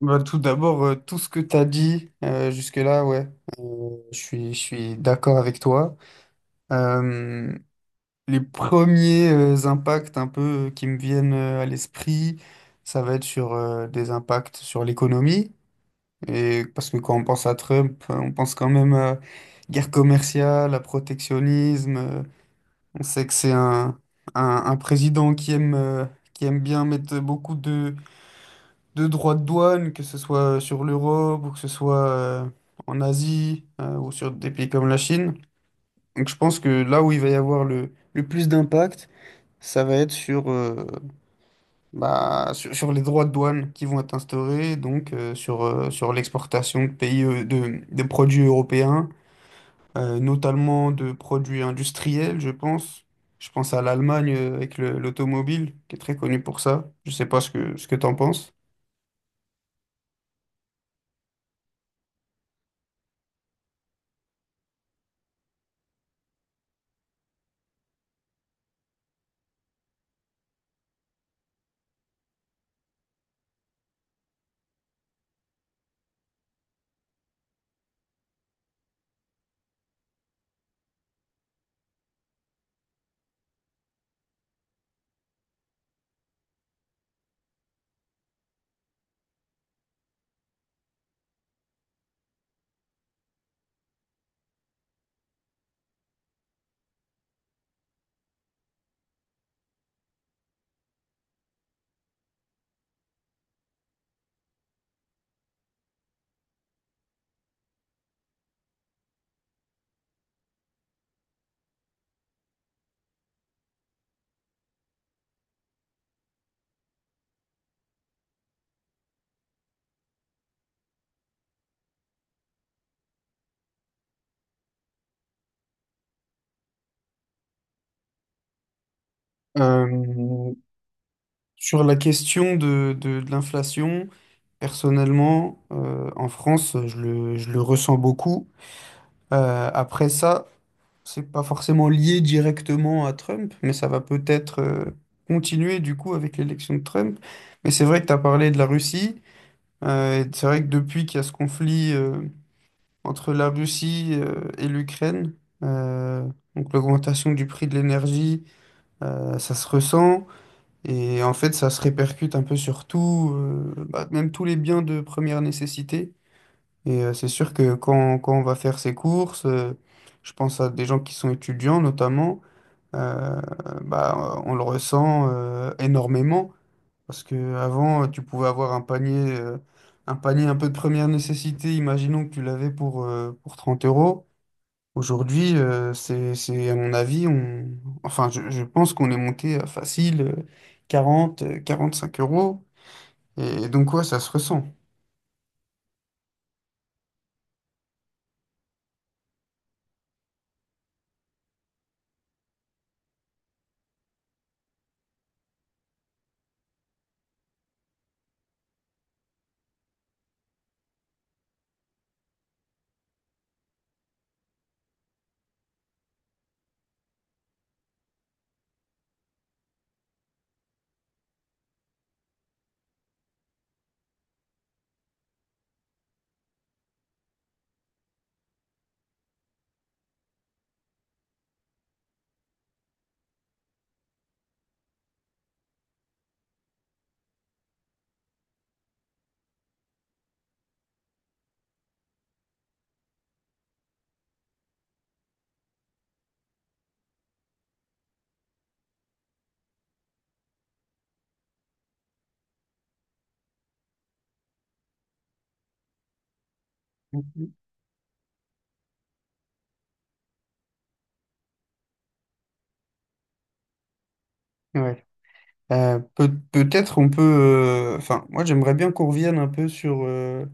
Tout d'abord, tout ce que tu as dit jusque-là, ouais, je suis d'accord avec toi. Euh, les premiers impacts un peu qui me viennent à l'esprit, ça va être sur des impacts sur l'économie. Et parce que quand on pense à Trump, on pense quand même à guerre commerciale, à protectionnisme. On sait que c'est un président qui aime bien mettre beaucoup de droits de douane, que ce soit sur l'Europe ou que ce soit en Asie ou sur des pays comme la Chine. Donc je pense que là où il va y avoir le plus d'impact, ça va être sur, bah, sur les droits de douane qui vont être instaurés, donc sur, sur l'exportation de pays de produits européens, notamment de produits industriels, je pense. Je pense à l'Allemagne avec l'automobile, qui est très connue pour ça. Je sais pas ce que tu en penses. Euh, Sur la question de l'inflation, personnellement, en France, je le ressens beaucoup. Après ça, c'est pas forcément lié directement à Trump, mais ça va peut-être continuer du coup avec l'élection de Trump. Mais c'est vrai que tu as parlé de la Russie. Et c'est vrai que depuis qu'il y a ce conflit entre la Russie et l'Ukraine, euh, donc l'augmentation du prix de l'énergie, ça se ressent. Et en fait, ça se répercute un peu sur tout, bah, même tous les biens de première nécessité. Et c'est sûr que quand on va faire ses courses, je pense à des gens qui sont étudiants notamment, euh, bah, on le ressent énormément. Parce que avant, tu pouvais avoir un panier, un panier un peu de première nécessité, imaginons que tu l'avais pour 30 euros. Aujourd'hui, c'est, à mon avis, on... enfin, je pense qu'on est monté à facile 40 45 euros. Et donc, ouais, ça se ressent. Mhm. Ouais. Peut-être on peut. Enfin, moi, j'aimerais bien qu'on revienne un peu sur,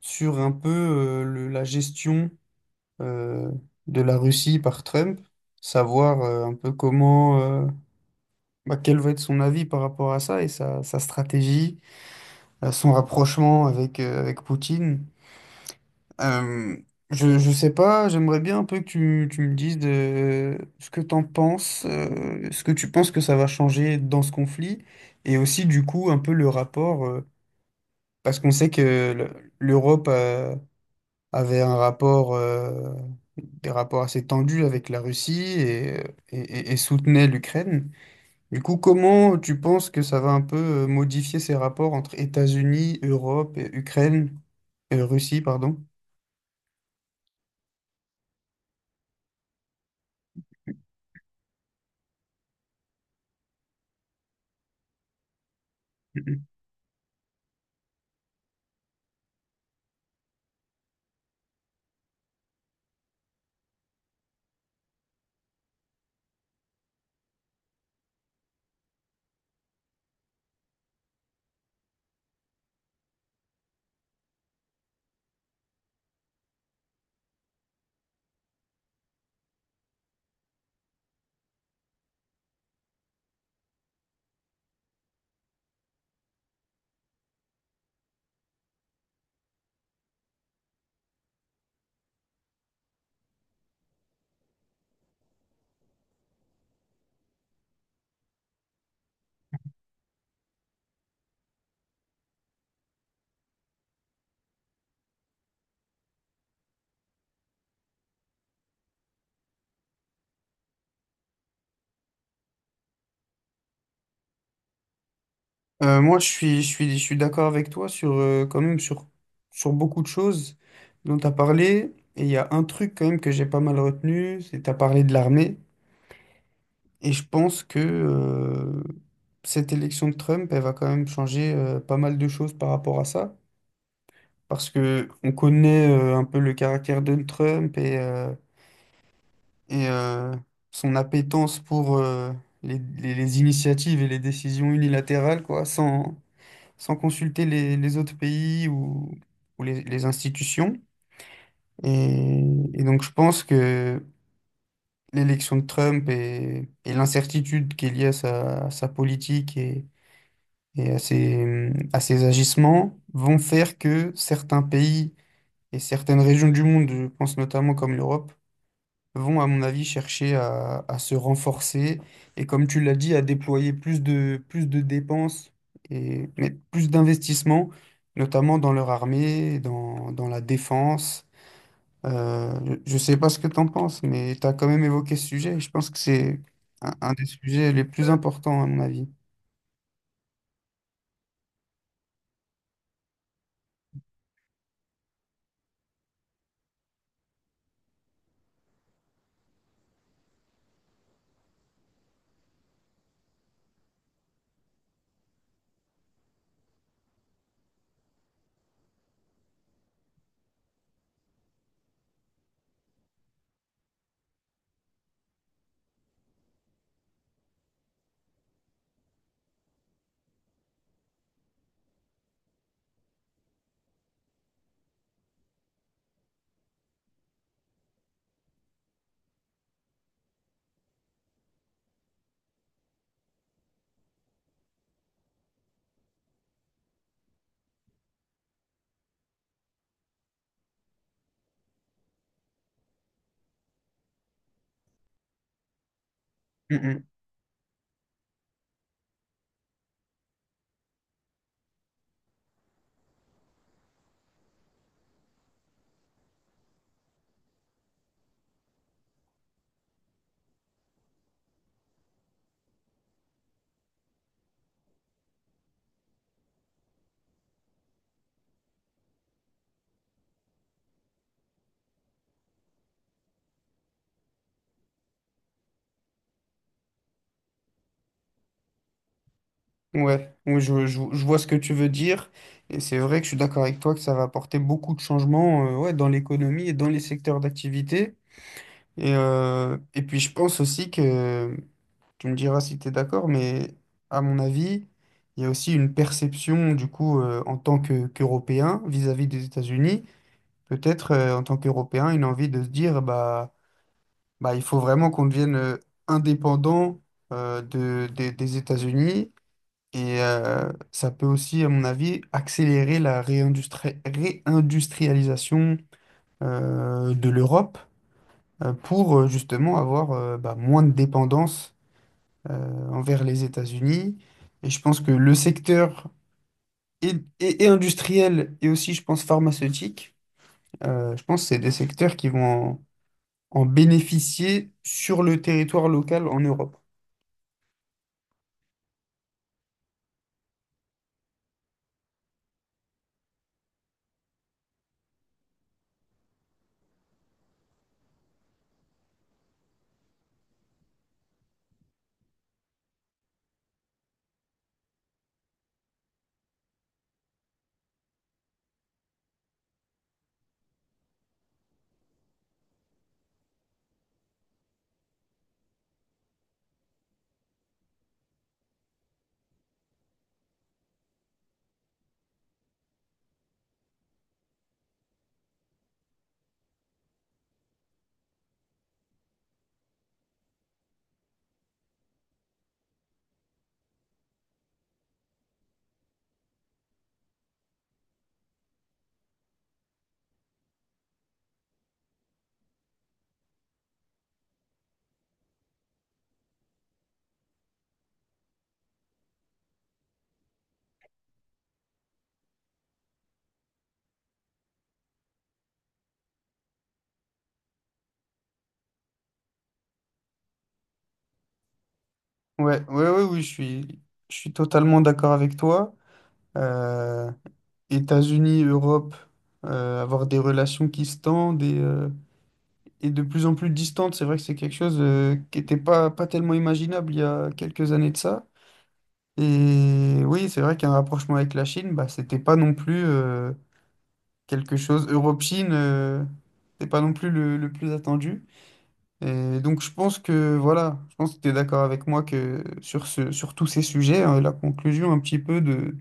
sur un peu la gestion euh, de la Russie par Trump, savoir un peu comment. Bah, quel va être son avis par rapport à ça et sa stratégie, son rapprochement avec, avec Poutine. Euh, je sais pas, j'aimerais bien un peu que tu me dises de ce que t'en penses, ce que tu penses que ça va changer dans ce conflit, et aussi du coup un peu le rapport, parce qu'on sait que l'Europe avait un rapport, des rapports assez tendus avec la Russie et, et soutenait l'Ukraine. Du coup, comment tu penses que ça va un peu modifier ces rapports entre États-Unis, Europe et Ukraine, Russie, pardon? Moi, je suis d'accord avec toi sur, quand même sur, sur beaucoup de choses dont tu as parlé. Et il y a un truc quand même que j'ai pas mal retenu, c'est que tu as parlé de l'armée. Et je pense que cette élection de Trump, elle va quand même changer pas mal de choses par rapport à ça. Parce que on connaît un peu le caractère de Trump et son appétence pour les initiatives et les décisions unilatérales, quoi, sans, sans consulter les autres pays ou les institutions. Et, et donc, je pense que l'élection de Trump et l'incertitude qui est liée à sa politique et à ses agissements vont faire que certains pays et certaines régions du monde, je pense notamment comme l'Europe, vont, à mon avis, chercher à se renforcer et, comme tu l'as dit, à déployer plus plus de dépenses et mais plus d'investissements, notamment dans leur armée, dans, dans la défense. Je ne sais pas ce que tu en penses, mais tu as quand même évoqué ce sujet et je pense que c'est un des sujets les plus importants, à mon avis. Mm, mm. Ouais. Oui, je vois ce que tu veux dire et c'est vrai que je suis d'accord avec toi que ça va apporter beaucoup de changements ouais, dans l'économie et dans les secteurs d'activité. Et puis je pense aussi que, tu me diras si tu es d'accord, mais à mon avis, il y a aussi une perception du coup en tant que, qu'Européen vis-à-vis des États-Unis, peut-être en tant qu'Européen, une envie de se dire bah, bah il faut vraiment qu'on devienne indépendant de, des États-Unis et ça peut aussi, à mon avis, accélérer la réindustrialisation de l'Europe pour justement avoir bah, moins de dépendance envers les États-Unis. Et je pense que le secteur et, et industriel et aussi, je pense, pharmaceutique, je pense que c'est des secteurs qui vont en bénéficier sur le territoire local en Europe. Ouais, ouais, ouais, oui, je suis totalement d'accord avec toi. Euh, États-Unis, Europe, avoir des relations qui se tendent et de plus en plus distante. C'est vrai que c'est quelque chose qui n'était pas tellement imaginable il y a quelques années de ça. Et oui, c'est vrai qu'un rapprochement avec la Chine, bah, c'était pas non plus quelque chose. Europe-Chine, c'était pas non plus le plus attendu. Et donc je pense que voilà, je pense que tu es d'accord avec moi que sur ce, sur tous ces sujets, hein, la conclusion un petit peu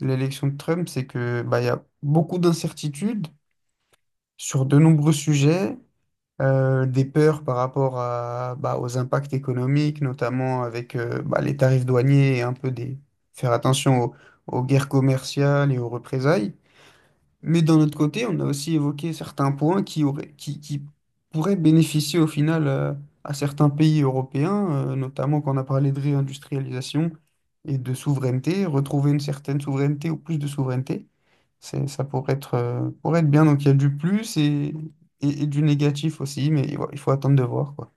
de l'élection de Trump, c'est que bah, il y a beaucoup d'incertitudes sur de nombreux sujets. Des peurs par rapport à, bah, aux impacts économiques, notamment avec bah, les tarifs douaniers et un peu des... faire attention aux, aux guerres commerciales et aux représailles. Mais d'un autre côté, on a aussi évoqué certains points qui auraient, qui pourraient bénéficier au final à certains pays européens, notamment quand on a parlé de réindustrialisation et de souveraineté, retrouver une certaine souveraineté ou plus de souveraineté, c'est, ça pourrait être bien. Donc il y a du plus et du négatif aussi, mais il faut attendre de voir, quoi.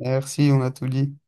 Merci, on a tout dit.